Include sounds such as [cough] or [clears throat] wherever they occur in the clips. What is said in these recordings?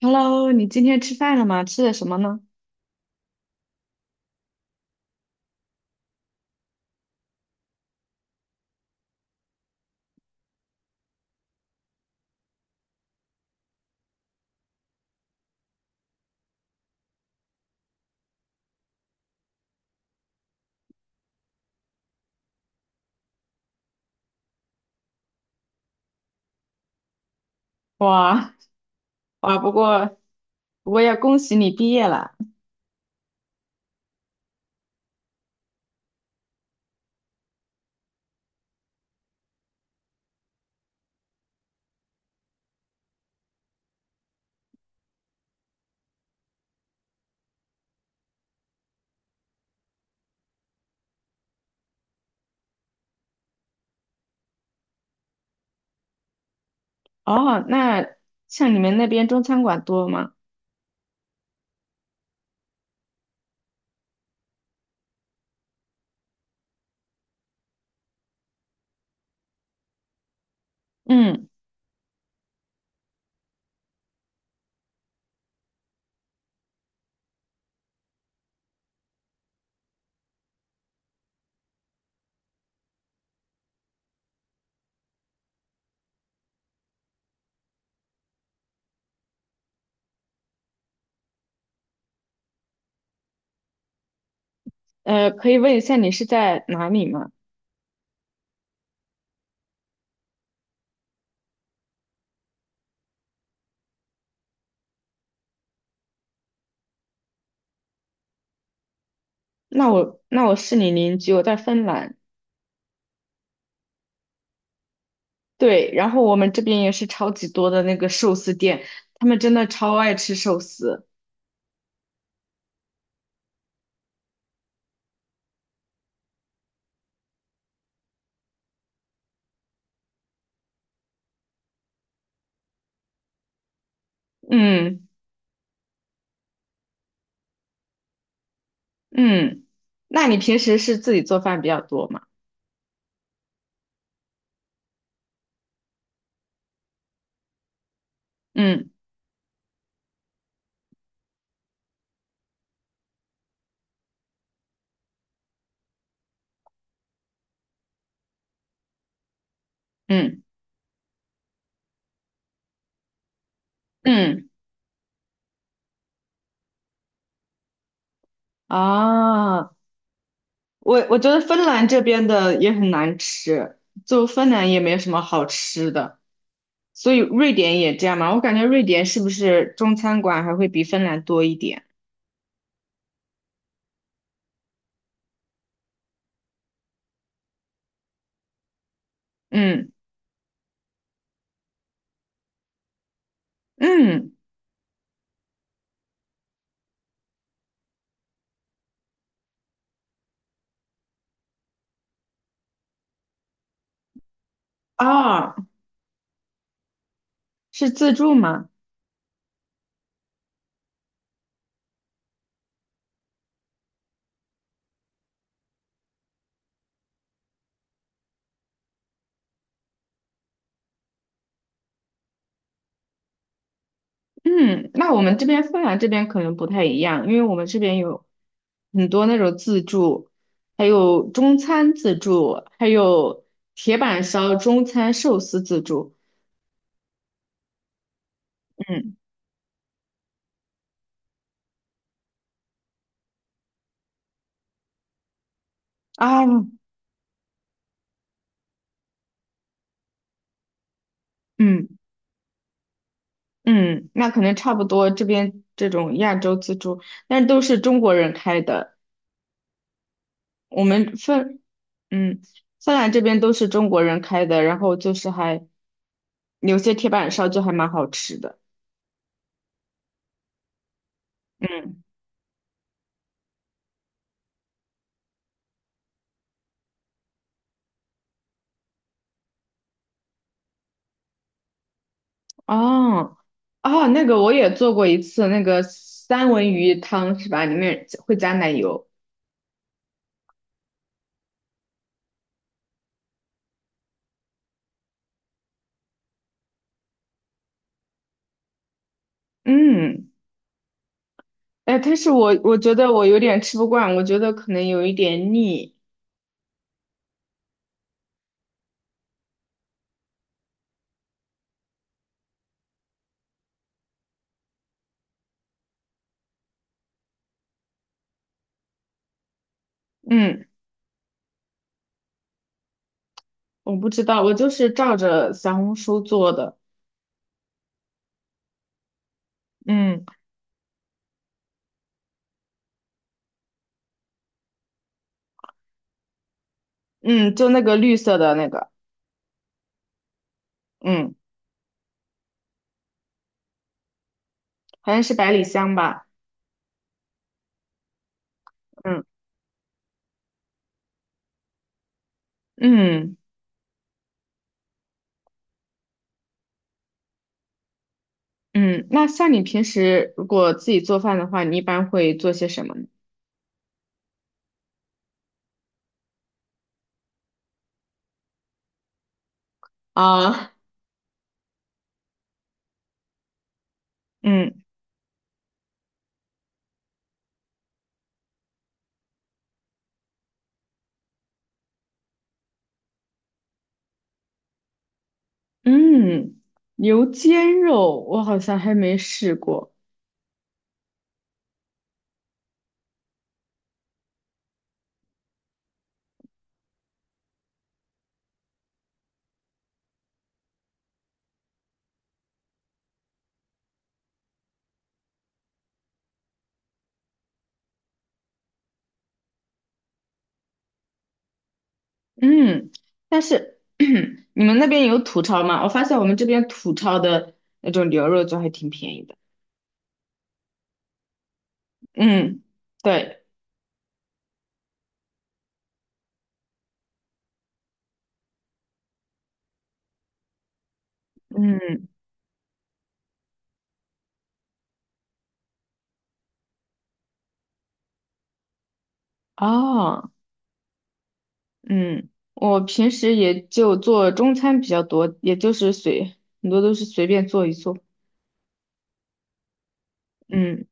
Hello，你今天吃饭了吗？吃的什么呢？哇哇，不过要恭喜你毕业了。哦，那像你们那边中餐馆多吗？嗯，可以问一下你是在哪里吗？那我是你邻居，我在芬兰。对，然后我们这边也是超级多的那个寿司店，他们真的超爱吃寿司。嗯嗯，那你平时是自己做饭比较多吗？嗯嗯嗯，啊。我觉得芬兰这边的也很难吃，就芬兰也没什么好吃的，所以瑞典也这样嘛。我感觉瑞典是不是中餐馆还会比芬兰多一点？嗯嗯，啊，是自助吗？嗯，那我们这边芬兰这边可能不太一样，因为我们这边有很多那种自助，还有中餐自助，还有铁板烧、中餐寿司自助。嗯啊，嗯。嗯，那可能差不多，这边这种亚洲自助，但都是中国人开的。我们芬，嗯，芬兰这边都是中国人开的，然后就是还有些铁板烧就还蛮好吃的。嗯，哦，哦，那个我也做过一次，那个三文鱼汤是吧？里面会加奶油。嗯，哎，但是我觉得我有点吃不惯，我觉得可能有一点腻。嗯，我不知道，我就是照着小红书做的。嗯。嗯，就那个绿色的那个，嗯，好像是百里香吧，嗯嗯嗯。那像你平时如果自己做饭的话，你一般会做些什么呢？啊，嗯嗯，牛肩肉我好像还没试过，嗯，但是 [clears throat] 你们那边有土超吗？我发现我们这边土超的那种牛肉就还挺便宜的，嗯，对，嗯，哦。嗯，我平时也就做中餐比较多，也就是随，很多都是随便做一做。嗯，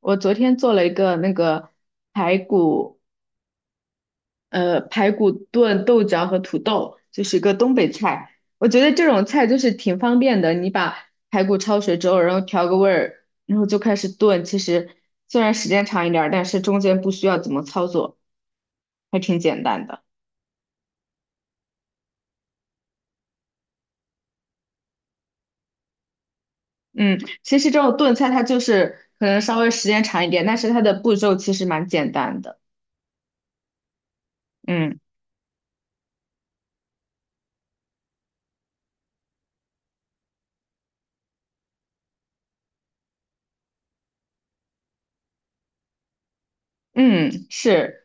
我昨天做了一个那个排骨，排骨炖豆角和土豆，就是一个东北菜。我觉得这种菜就是挺方便的，你把排骨焯水之后，然后调个味儿，然后就开始炖。其实虽然时间长一点儿，但是中间不需要怎么操作，还挺简单的。嗯，其实这种炖菜它就是可能稍微时间长一点，但是它的步骤其实蛮简单的。嗯嗯，是。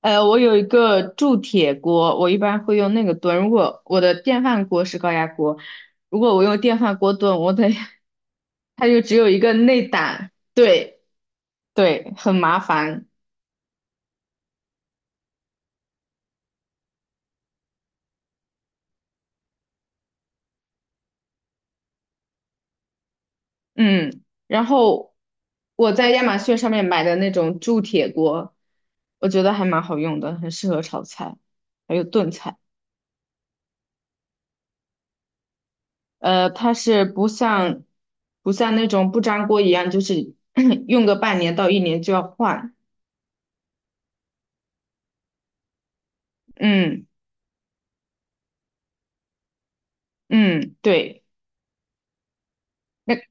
我有一个铸铁锅，我一般会用那个炖。如果我的电饭锅是高压锅，如果我用电饭锅炖，我得 [laughs] 它就只有一个内胆，对对，很麻烦。嗯，然后我在亚马逊上面买的那种铸铁锅，我觉得还蛮好用的，很适合炒菜，还有炖菜。它是不像那种不粘锅一样，就是 [coughs] [clears throat] 用个半年到一年就要换。嗯嗯，对，那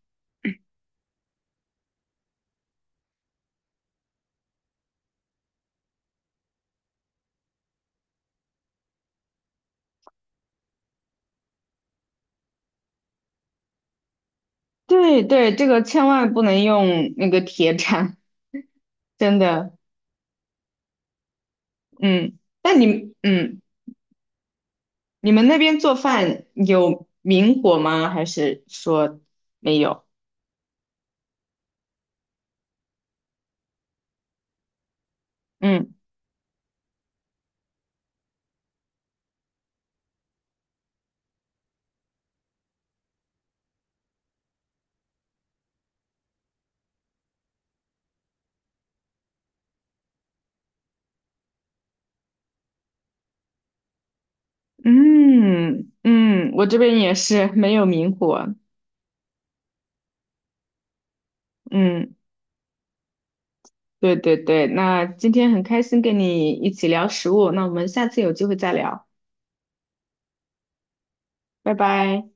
对对，这个千万不能用那个铁铲，真的。嗯，那你嗯，你们那边做饭有明火吗？还是说没有？嗯嗯嗯，我这边也是没有明火。嗯。对对对，那今天很开心跟你一起聊食物，那我们下次有机会再聊，拜拜。